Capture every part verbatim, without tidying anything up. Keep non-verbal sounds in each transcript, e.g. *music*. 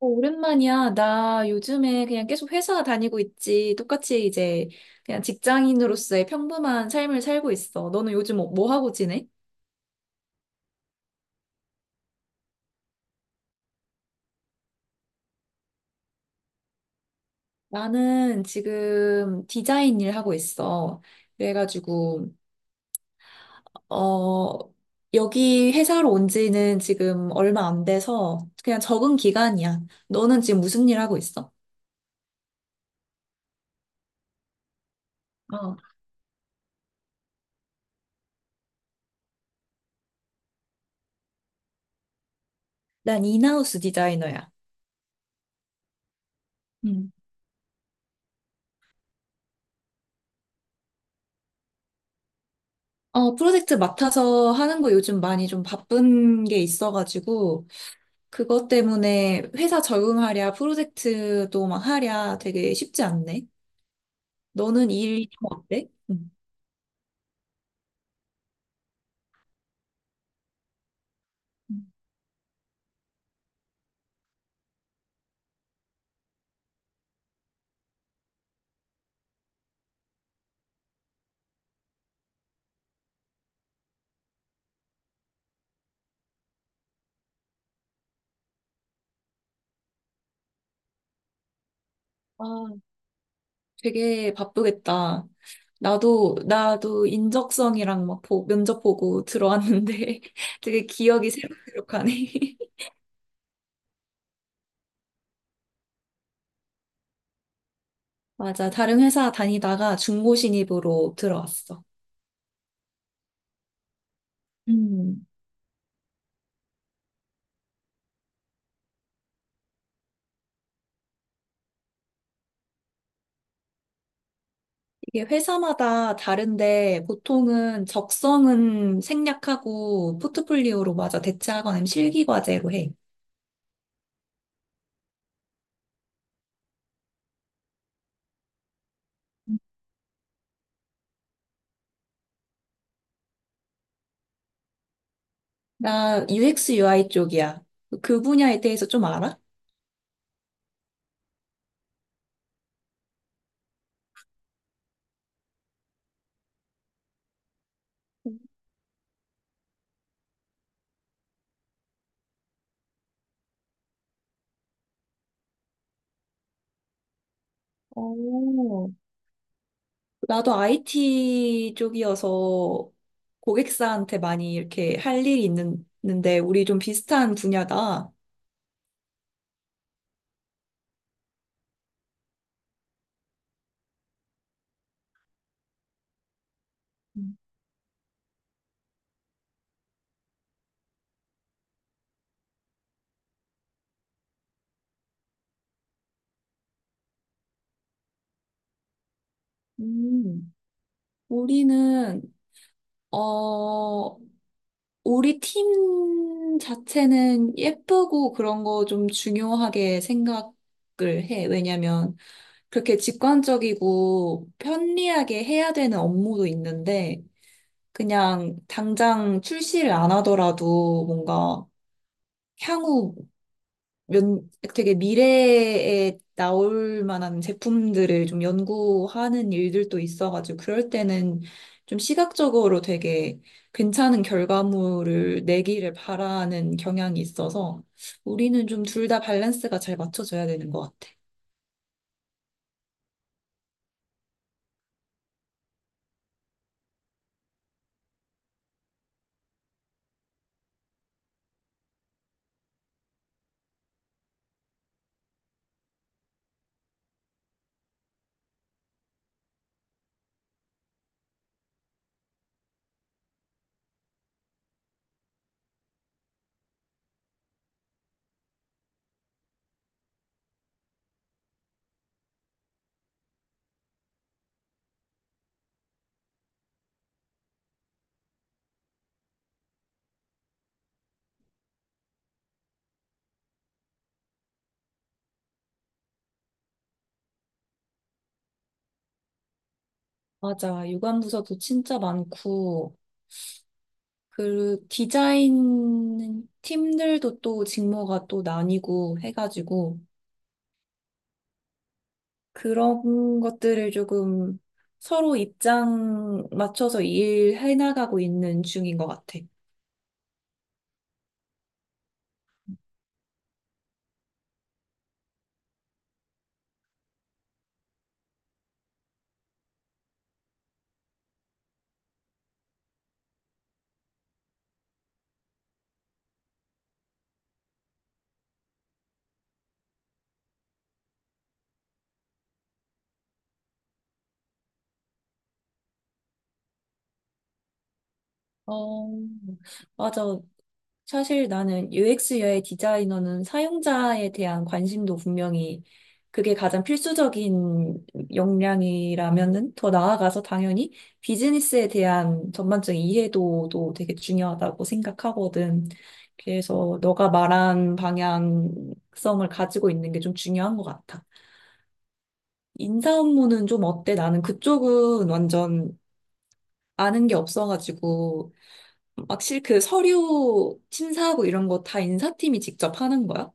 어, 오랜만이야. 나 요즘에 그냥 계속 회사 다니고 있지. 똑같이 이제 그냥 직장인으로서의 평범한 삶을 살고 있어. 너는 요즘 뭐뭐 하고 지내? 나는 지금 디자인 일 하고 있어. 그래가지고, 어, 여기 회사로 온 지는 지금 얼마 안 돼서 그냥 적응 기간이야. 너는 지금 무슨 일 하고 있어? 어, 난 인하우스 디자이너야. 음. 어, 프로젝트 맡아서 하는 거 요즘 많이 좀 바쁜 게 있어가지고, 그것 때문에 회사 적응하랴, 프로젝트도 막 하랴 되게 쉽지 않네. 너는 일좀 어때? 응. 음. 아, 되게 바쁘겠다. 나도, 나도 인적성이랑 막 보- 면접 보고 들어왔는데 *laughs* 되게 기억이 새록새록하네. *laughs* 맞아. 다른 회사 다니다가 중고 신입으로 들어왔어. 음. 이게 회사마다 다른데 보통은 적성은 생략하고 포트폴리오로 맞아 대체하거나 아니면 실기 과제로 해. 나 유엑스, 유아이 쪽이야. 그 분야에 대해서 좀 알아? 오, 나도 아이티 쪽이어서 고객사한테 많이 이렇게 할 일이 있는, 있는데, 우리 좀 비슷한 분야다. 음, 우리는, 어, 우리 팀 자체는 예쁘고 그런 거 좀 중요하게 생각을 해. 왜냐면, 그렇게 직관적이고 편리하게 해야 되는 업무도 있는데, 그냥 당장 출시를 안 하더라도 뭔가 향후 몇, 되게 미래에 나올 만한 제품들을 좀 연구하는 일들도 있어가지고 그럴 때는 좀 시각적으로 되게 괜찮은 결과물을 내기를 바라는 경향이 있어서 우리는 좀 둘 다 밸런스가 잘 맞춰져야 되는 것 같아. 맞아. 유관부서도 진짜 많고 그 디자인 팀들도 또 직무가 또 나뉘고 해가지고 그런 것들을 조금 서로 입장 맞춰서 일해 나가고 있는 중인 것 같아. 어, 맞아. 사실 나는 유엑스의 디자이너는 사용자에 대한 관심도 분명히 그게 가장 필수적인 역량이라면은 더 나아가서 당연히 비즈니스에 대한 전반적인 이해도도 되게 중요하다고 생각하거든. 그래서 너가 말한 방향성을 가지고 있는 게 좀 중요한 것 같아. 인사 업무는 좀 어때? 나는 그쪽은 완전 아는 게 없어가지고 막실 그 서류 심사하고 이런 거 다 인사팀이 직접 하는 거야?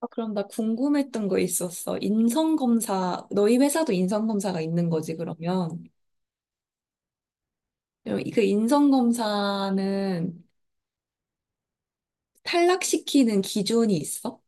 아, 그럼 나 궁금했던 거 있었어. 인성검사, 너희 회사도 인성검사가 있는 거지, 그러면? 그럼 이- 그 인성검사는 탈락시키는 기준이 있어?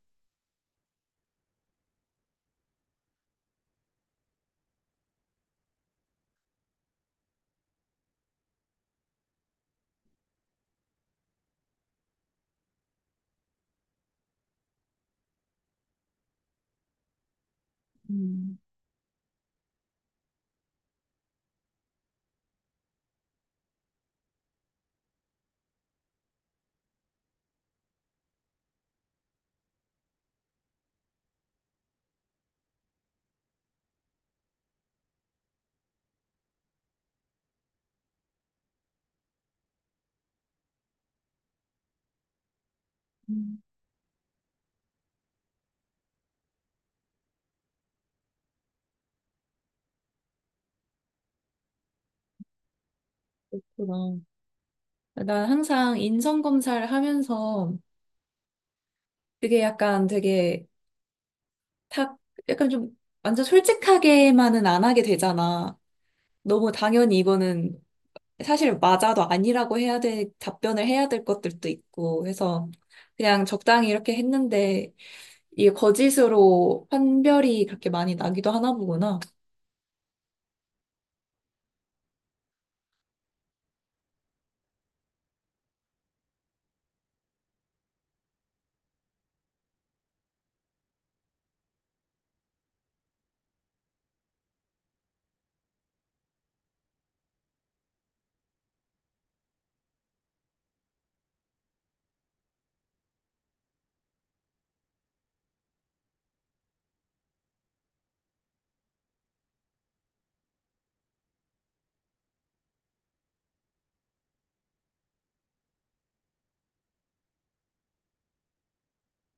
음, 음. 그나난 항상 인성검사를 하면서 그게 약간 되게 탁, 약간 좀 완전 솔직하게만은 안 하게 되잖아. 너무 당연히 이거는 사실 맞아도 아니라고 해야 될, 답변을 해야 될 것들도 있고 해서 그냥 적당히 이렇게 했는데 이게 거짓으로 판별이 그렇게 많이 나기도 하나 보구나.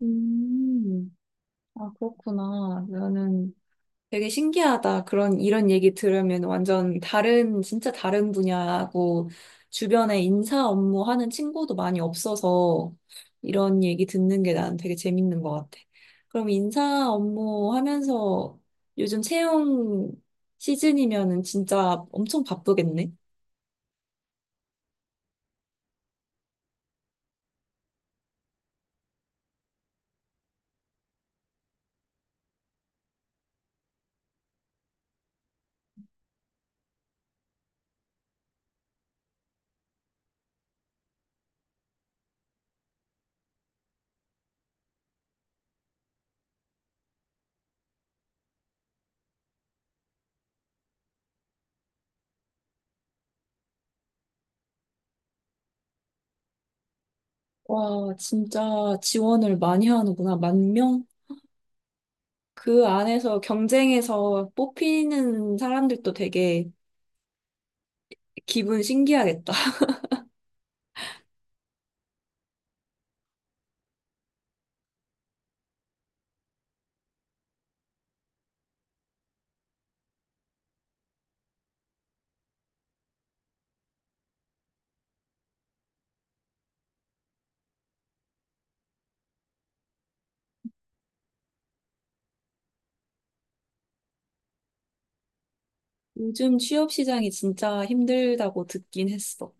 음, 아, 그렇구나. 나는 되게 신기하다. 그런, 이런 얘기 들으면 완전 다른, 진짜 다른 분야고, 주변에 인사 업무 하는 친구도 많이 없어서, 이런 얘기 듣는 게 난 되게 재밌는 것 같아. 그럼 인사 업무 하면서 요즘 채용 시즌이면은 진짜 엄청 바쁘겠네? 와, 진짜 지원을 많이 하는구나. 만 명? 그 안에서 경쟁에서 뽑히는 사람들도 되게 기분 신기하겠다. 요즘 취업 시장이 진짜 힘들다고 듣긴 했어.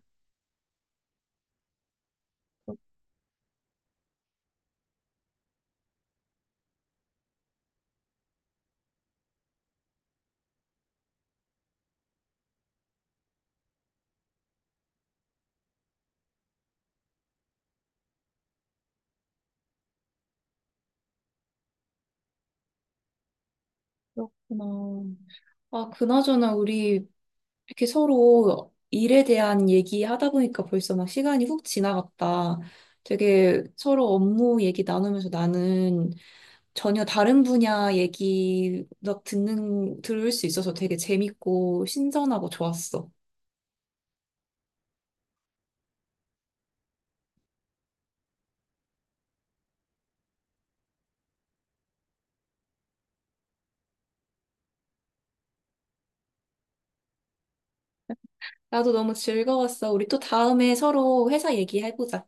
그렇구나. 아, 그나저나 우리 이렇게 서로 일에 대한 얘기하다 보니까 벌써 막 시간이 훅 지나갔다. 되게 서로 업무 얘기 나누면서 나는 전혀 다른 분야 얘기 막 듣는, 들을 수 있어서 되게 재밌고 신선하고 좋았어. 나도 너무 즐거웠어. 우리 또 다음에 서로 회사 얘기해보자.